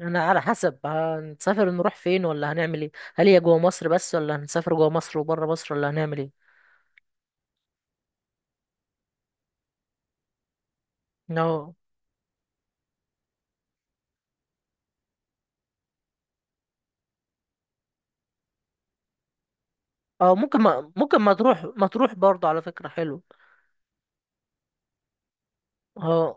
انا على حسب هنسافر، نروح فين ولا هنعمل ايه؟ هل هي جوه مصر بس، ولا هنسافر جوه مصر وبره مصر، ولا هنعمل ايه؟ اه، اه. ممكن ما تروح ما تروح برضه، على فكرة حلو. اه،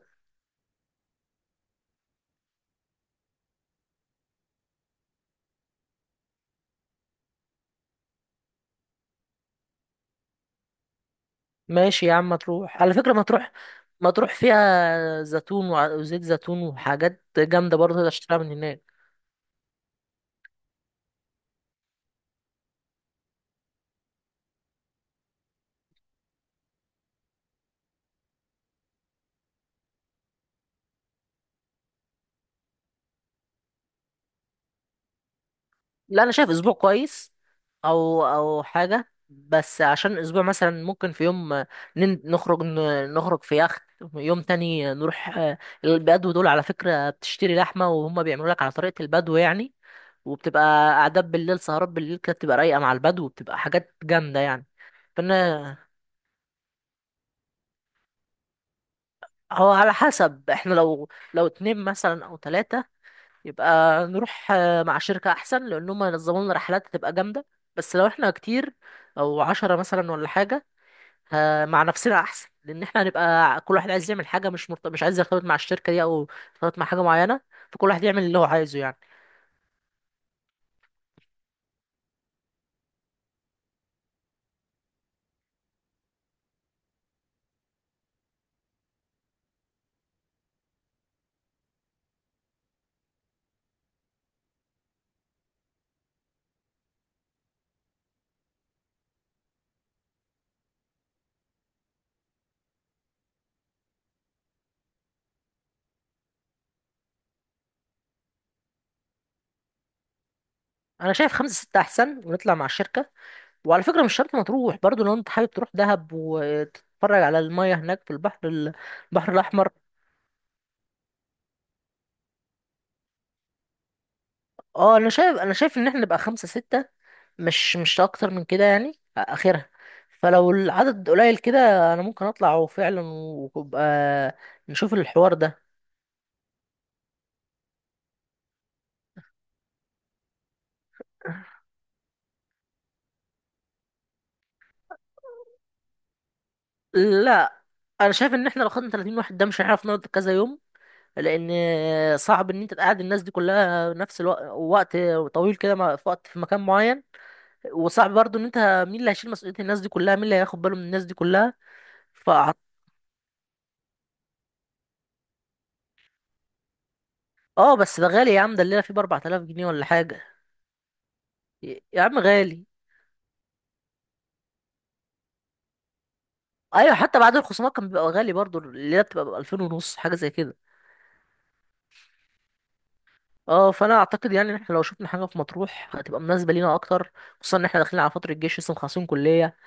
ماشي يا عم، ما تروح، على فكرة ما تروح. ما تروح فيها زيتون وزيت زيتون وحاجات جامدة برضه تقدر تشتريها من هناك. لا، انا شايف اسبوع كويس. او حاجه، بس عشان اسبوع مثلا ممكن في يوم نخرج في يخت، يوم تاني نروح. البدو دول على فكره بتشتري لحمه، وهم بيعملوا لك على طريقه البدو يعني. وبتبقى قعدات بالليل، سهرات بالليل كده، بتبقى رايقه مع البدو، وبتبقى حاجات جامده يعني. فانا، هو على حسب احنا، لو اتنين مثلا او تلاتة، يبقى نروح مع شركة أحسن، لأن هم ينظموا لنا رحلات هتبقى جامدة. بس لو احنا كتير، أو عشرة مثلا ولا حاجة، مع نفسنا أحسن، لأن احنا هنبقى كل واحد عايز يعمل حاجة، مش عايز يرتبط مع الشركة دي أو يرتبط مع حاجة معينة. فكل واحد يعمل اللي هو عايزه يعني. أنا شايف خمسة ستة أحسن، ونطلع مع الشركة. وعلى فكرة مش شرط مطروح برضو، لو أنت حابب تروح دهب وتتفرج على المية هناك في البحر البحر الأحمر. اه، انا شايف ان احنا نبقى خمسة ستة، مش اكتر من كده يعني. اخرها. فلو العدد قليل كده، انا ممكن اطلع وفعلا، ويبقى نشوف الحوار ده. لا، انا شايف ان احنا لو خدنا 30 واحد، ده مش هنعرف نقعد كذا يوم، لان صعب ان انت تقعد الناس دي كلها نفس الوقت، وقت طويل كده، في وقت، في مكان معين. وصعب برضو، ان انت مين اللي هيشيل مسؤولية الناس دي كلها؟ مين اللي هياخد باله من الناس دي كلها؟ ف اه، بس ده غالي يا عم، ده الليلة فيه ب 4000 جنيه ولا حاجة. يا عم، غالي. ايوه، حتى بعد الخصومات كان بيبقى غالي برضو، اللي هي بتبقى ب 2000 ونص، حاجه زي كده. اه، فانا اعتقد يعني ان احنا لو شفنا حاجه في مطروح هتبقى مناسبه لينا اكتر، خصوصا ان احنا داخلين على فتره الجيش، لسه مخلصين كليه.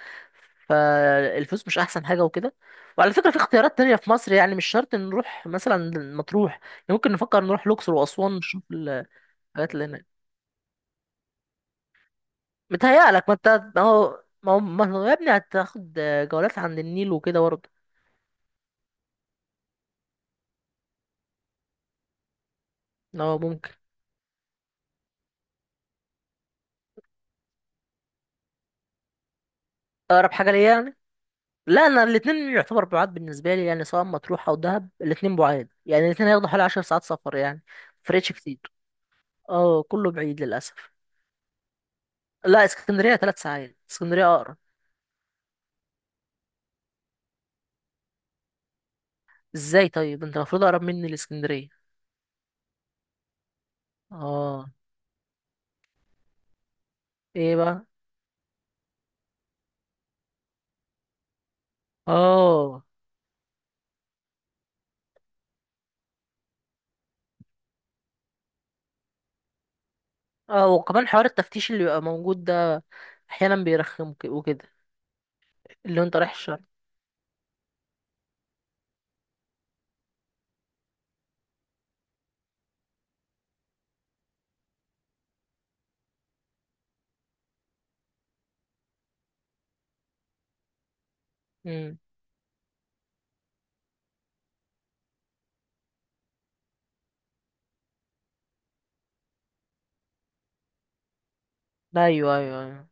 فالفلوس مش احسن حاجه وكده. وعلى فكره في اختيارات تانية في مصر يعني، مش شرط نروح مثلا مطروح يعني. ممكن نفكر نروح الاقصر واسوان، نشوف الحاجات اللي هناك. متهيألك، ما انت، ما هو يا ابني، هتاخد جولات عند النيل وكده برضه. اه، ممكن. اقرب حاجه ليا يعني؟ لا، انا الاتنين يعتبر بعاد بالنسبه لي يعني، سواء مطروح او دهب الاتنين بعاد يعني، الاتنين هياخدوا حوالي عشر ساعات سفر يعني. فرقش كتير. اه، كله بعيد للاسف. لا، اسكندريه ثلاث ساعات، اسكندريه اقرب. ازاي؟ طيب انت المفروض اقرب مني لاسكندريه. اه. ايه بقى؟ اه، اه، وكمان حوار التفتيش اللي بيبقى موجود ده، احيانا بيرخم وكده. اللي هو انت رايح الشرق. امم. ايوه، ايوه، ايوه.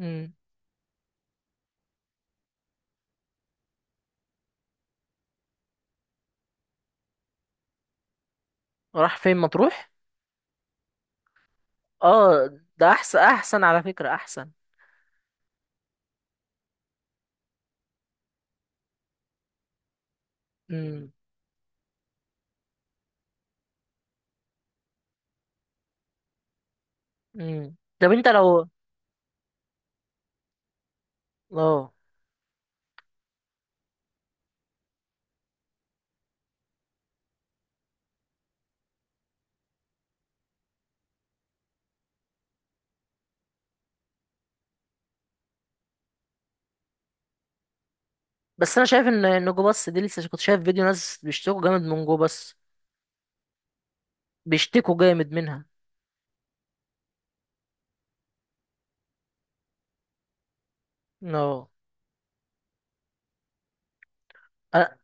امم. راح فين؟ مطروح؟ اه، ده احسن احسن على فكره، احسن. امم. امم. طب انت لو. اه، بس انا شايف ان جو باص دي، لسه كنت شايف فيديو ناس بيشتكوا جامد من جو باص. بيشتكوا جامد منها. اه. اه.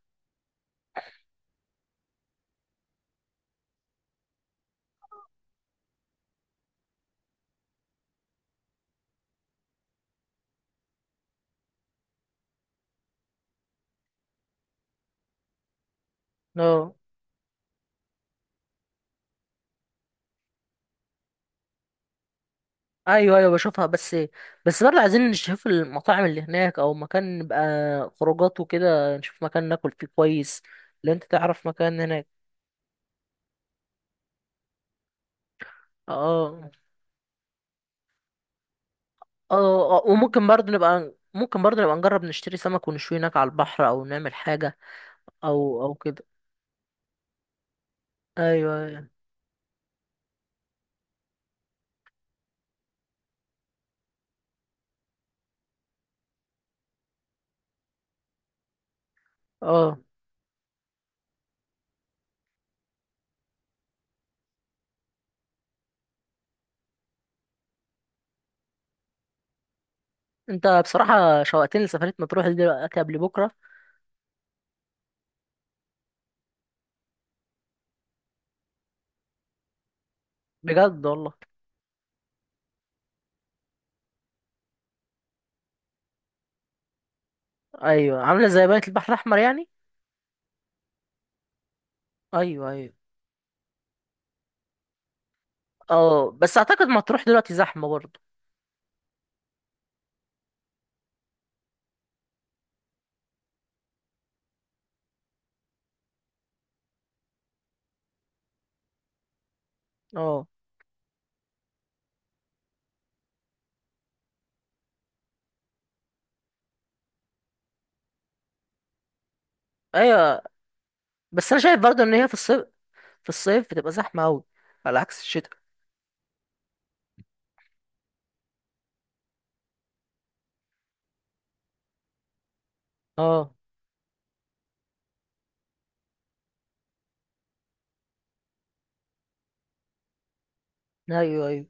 اه. ايوه، ايوه، بشوفها. بس بس برضه عايزين نشوف المطاعم اللي هناك، او مكان نبقى خروجات وكده، نشوف مكان ناكل فيه كويس. لو انت تعرف مكان هناك. اه. اه، اه، اه. وممكن برضه نبقى، نجرب نشتري سمك ونشوي هناك على البحر، او نعمل حاجة، او كده. ايوه، ايوه. اه، انت بصراحة شوقتني لسفرية مطروح دي دلوقتي قبل بكرة. بجد والله. ايوه، عاملة زي بنت البحر الأحمر يعني. ايوه، ايوه. اه، بس اعتقد مطروح دلوقتي زحمة برضه. اه. ايوه. بس انا شايف برضه ان هي في الصيف، في الصيف بتبقى زحمة اوي، على عكس الشتاء. اه. ايوه، ايوه.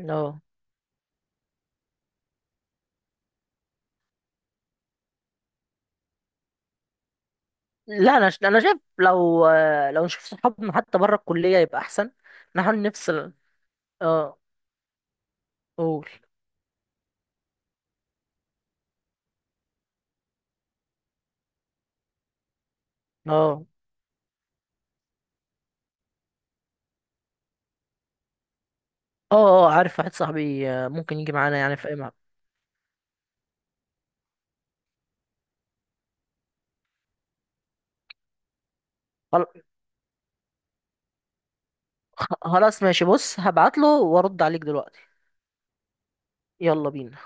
اه، لا، انا شايف لو، لو نشوف صحابنا حتى بره الكلية، يبقى احسن. نحاول نفصل. اه. قول. اه، اه، اه، عارف واحد صاحبي ممكن يجي معانا يعني في اي مكان. خلاص، ماشي، بص، هبعتله وارد عليك دلوقتي. يلا بينا.